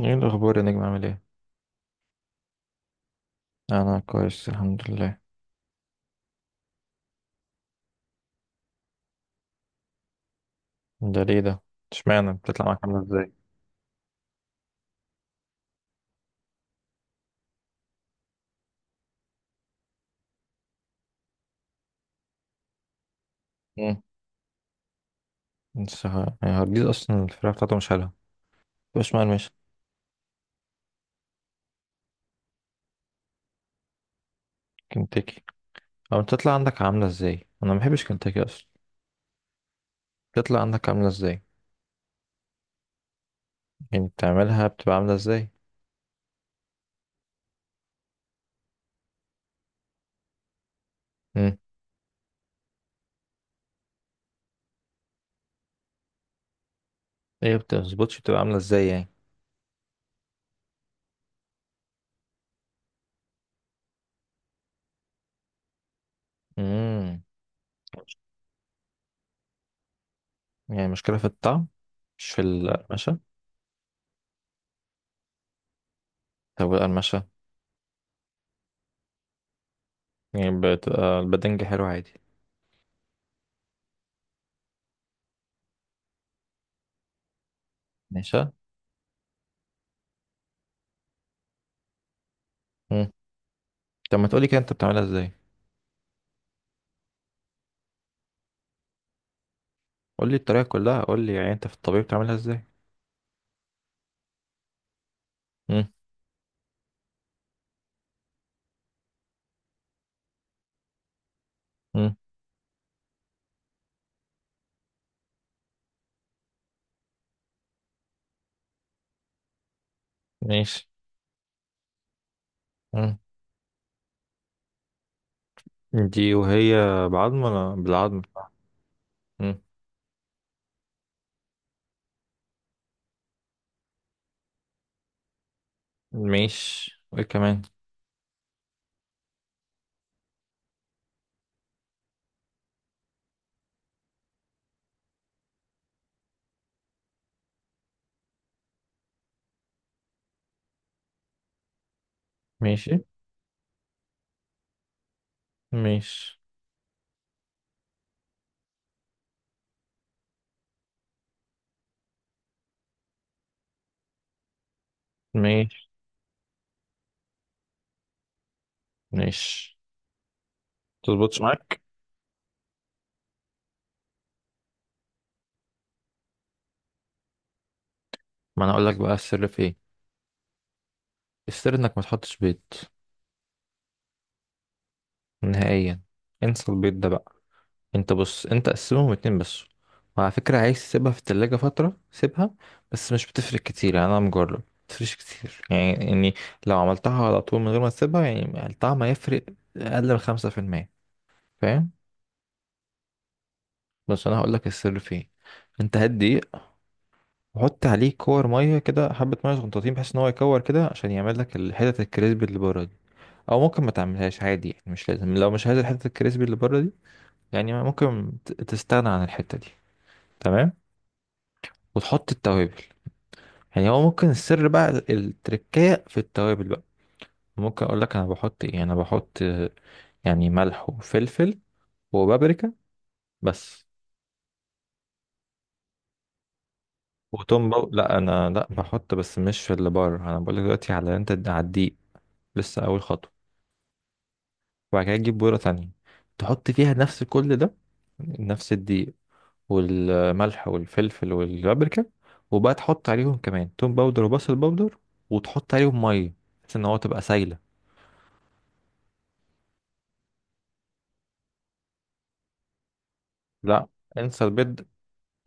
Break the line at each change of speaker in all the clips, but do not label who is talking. ايه الاخبار يا نجم عامل ايه؟ انا كويس الحمد لله. ده ليه ده؟ اشمعنى بتطلع معاك عامله ازاي؟ امم بس هارديز اصلا الفراخ بتاعته مش حلوه، مش مقرمشه. كنتاكي؟ او بتطلع عندك عامله ازاي؟ انا ما بحبش كنتاكي اصلا. بتطلع عندك عامله ازاي؟ يعني بتعملها بتبقى عامله ازاي؟ امم ايه بتظبطش؟ بتبقى عامله ازاي يعني؟ امم يعني مشكله في الطعم مش في القرمشه؟ طب القرمشه؟ يعني بتبقى البدنج حلو عادي؟ ماشي. امم. طب ما تقولي كده انت بتعملها ازاي. قول لي الطريقة كلها، قول لي يعني انت في الطبيعي بتعملها ازاي. مم. مم. ماشي. مم. دي وهي بعظم ولا بالعظم؟ مم. ماشي، وايه كمان؟ ماشي. ماشي. ماشي. ماشي. تظبطش معاك؟ ما انا اقول لك بقى السر في ايه. السر انك ما تحطش بيض نهائيا. انسى البيض ده بقى. انت بص، انت قسمهم اتنين بس. وعلى فكرة عايز تسيبها في التلاجة فترة سيبها، بس مش بتفرق كتير، يعني انا مجرب متفرقش كتير يعني لو عملتها على طول من غير ما تسيبها، يعني الطعم هيفرق اقل من 5%، فاهم؟ بس انا هقولك السر فين. انت هات دقيق وحط عليه كور مية كده، حبة مية صغنطاطين، بحيث ان هو يكور كده عشان يعمل لك الحتت الكريسبي اللي بره دي. او ممكن ما تعملهاش عادي، يعني مش لازم لو مش عايز الحتت الكريسبي اللي بره دي، يعني ممكن تستغنى عن الحتة دي، تمام؟ وتحط التوابل. يعني هو ممكن السر بقى التركية في التوابل بقى. ممكن اقول لك انا بحط ايه انا بحط يعني ملح وفلفل وبابريكا بس. لا انا لا بحط بس مش في اللي بره، انا بقول لك دلوقتي على على الدقيق. لسه اول خطوه. وبعد كده تجيب بوره تانية، تحط فيها نفس كل ده: نفس الدقيق والملح والفلفل والبابريكا. وبقى تحط عليهم كمان توم باودر وبصل باودر، وتحط عليهم ميه، بحيث ان هو تبقى سايله. لا، انسى البيض،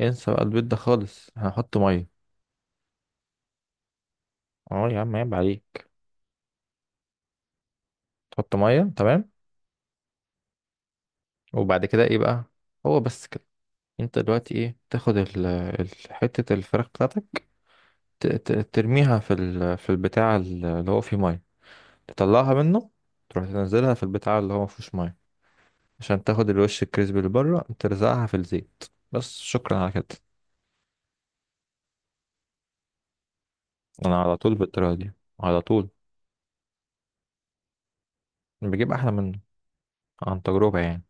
انسى بقى البيض ده خالص، هنحط ميه. اه يا عم عيب عليك. تحط ميه، تمام. وبعد كده ايه بقى؟ هو بس كده. انت دلوقتي ايه، تاخد حته الفراخ بتاعتك، ترميها في في البتاع اللي هو فيه ميه، تطلعها منه، تروح تنزلها في البتاع اللي هو ما فيهوش ميه، عشان تاخد الوش الكريسبي اللي بره. ترزعها في الزيت، بس. شكرا على كده. انا على طول بالطريقه دي، على طول. بجيب احلى منه، عن تجربه يعني.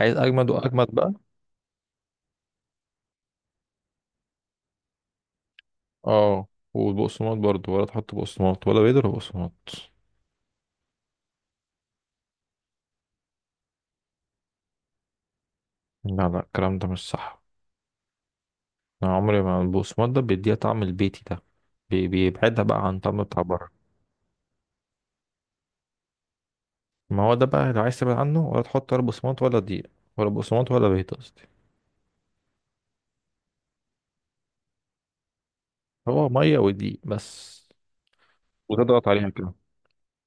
عايز اجمد واجمد بقى. اه. والبقسماط برضو، ولا تحط بقسماط ولا بيض ولا بقسماط؟ لا لا، الكلام ده مش صح. انا عمري ما البقسماط ده بيديها طعم البيتي ده. بيبعدها بقى عن طعم بتاع بره. ما هو ده بقى، لو عايز تبعد عنه ولا تحط ولا بقسماط ولا دقيق، ولا بقسماط ولا بيض قصدي. هو ميه ودقيق بس. وتضغط عليها كده.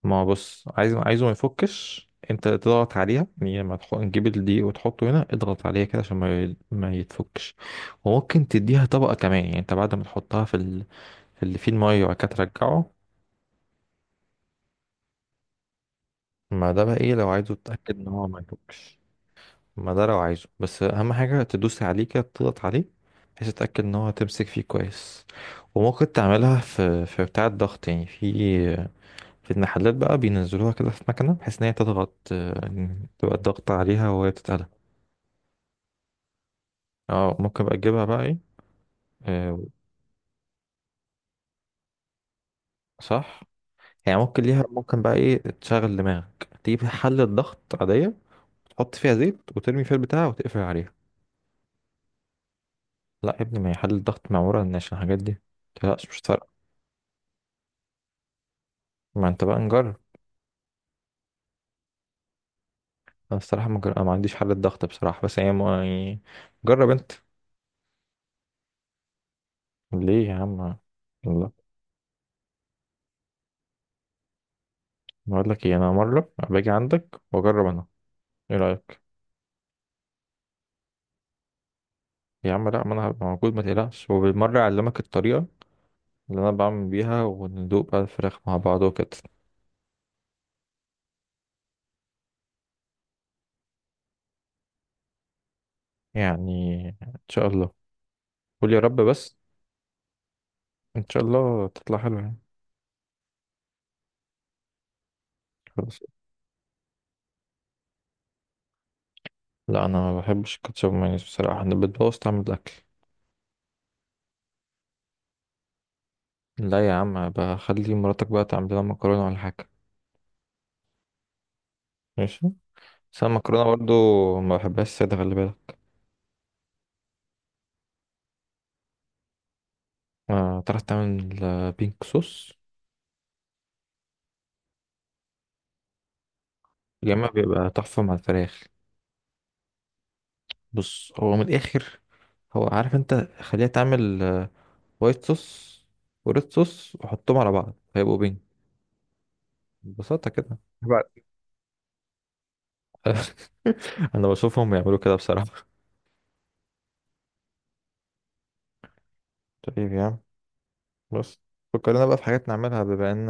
ما هو بص، عايزه ما يفكش، انت تضغط عليها، يعني لما تحط تجيب الدقيق وتحطه هنا اضغط عليها كده عشان ما يتفكش. وممكن تديها طبقة كمان، يعني انت بعد ما تحطها في اللي فيه المية وبعد كده ترجعه. ما ده بقى ايه، لو عايزه تتأكد ان هو ما يفكش. ما ده لو عايزه، بس اهم حاجة تدوس عليه كده، تضغط عليه، بحيث تتأكد ان هو تمسك فيه كويس. وممكن تعملها في في بتاع الضغط، يعني في في المحلات بقى بينزلوها كده في مكنة، بحيث ان هي تضغط، يعني تبقى الضغط عليها وهي بتتقلب. اه، ممكن بقى تجيبها بقى ايه، آه، صح. يعني ممكن ليها، ممكن بقى ايه، تشغل دماغك، تجيب حلة ضغط عادية، تحط فيها زيت وترمي فيها البتاع وتقفل عليها. لا يا ابني، ما هي حل الضغط معمولة عشان الحاجات دي، متقلقش مش فارقة. ما انت بقى نجرب. انا الصراحة ما, جر... أنا ما عنديش حل الضغط بصراحة، بس هي ما... يعني جرب انت. ليه يا عم؟ لا. بقول لك ايه، انا مرة باجي عندك واجرب انا، ايه رأيك؟ يا عم لا، ما انا هبقى موجود ما تقلقش، وبالمرة اعلمك الطريقة اللي انا بعمل بيها، وندوق بقى الفراخ مع بعض وكده. يعني ان شاء الله، قول يا رب بس. ان شاء الله تطلع حلوة يعني. خلاص. لا، انا ما بحبش الكاتشب والمايونيز بصراحة، انا بتبوظ طعم الاكل. لا يا عم، بخلي مراتك بقى تعمل لنا مكرونة ولا حاجة. ماشي. بس أنا المكرونة برضو ما بحبهاش سادة، خلي بالك. ما تعرف تعمل بينك صوص؟ يا إما بيبقى تحفة مع الفراخ. بص هو من الآخر، هو عارف أنت. خليها تعمل وايت صوص وريد صوص وحطهم على بعض هيبقوا بينك. ببساطة كده. بعد أنا بشوفهم بيعملوا كده بصراحة. طيب يا عم. بص، فكرنا بقى في حاجات نعملها بما إن،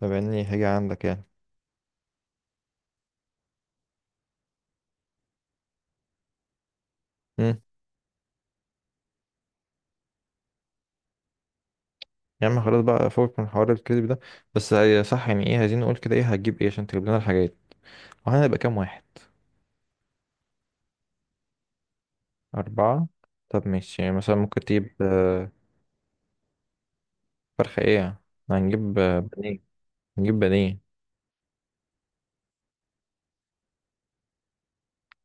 بما إني هاجي عندك يعني. يا عم خلاص بقى، فوق من حوار الكذب ده. بس هي صح، يعني ايه، عايزين نقول كده ايه هتجيب ايه عشان تجيب لنا الحاجات، وهنبقى كام واحد؟ أربعة. طب ماشي. يعني مثلا ممكن تجيب فرخة ايه. هنجيب بانيه. نجيب بانيه.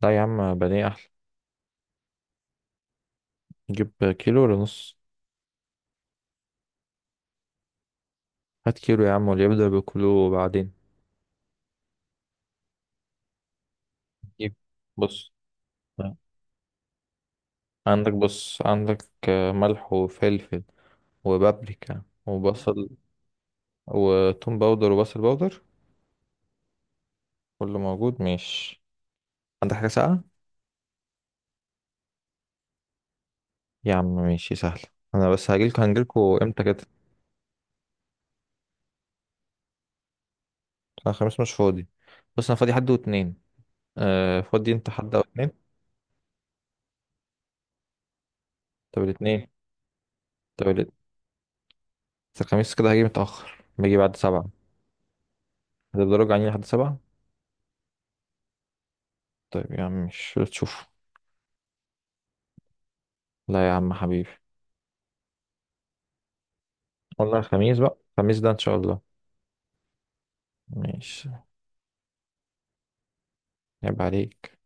لا يا عم بانيه أحلى. نجيب كيلو ولا نص؟ هات كيلو يا عم، واللي يبدأ بكيلو وبعدين. نجيب. بص عندك، بص عندك ملح وفلفل وبابريكا وبصل وتوم باودر وبصل باودر. كله موجود؟ ماشي. عندك حاجة ساقعة؟ يا عم ماشي سهل. انا بس هجيلكوا، هنجيلكوا امتى كده؟ انا خميس مش فاضي. بص انا فاضي حد واتنين. آه، فاضي انت حد او اتنين؟ طب الاتنين. طب الات- بس الخميس كده هجي متأخر، باجي بعد سبعة. هتفضلوا راجعين لحد سبعة؟ طيب يا عم، مش تشوف. لا يا عم حبيبي. والله الخميس بقى، الخميس ده ان شاء الله. ماشي. عيب عليك.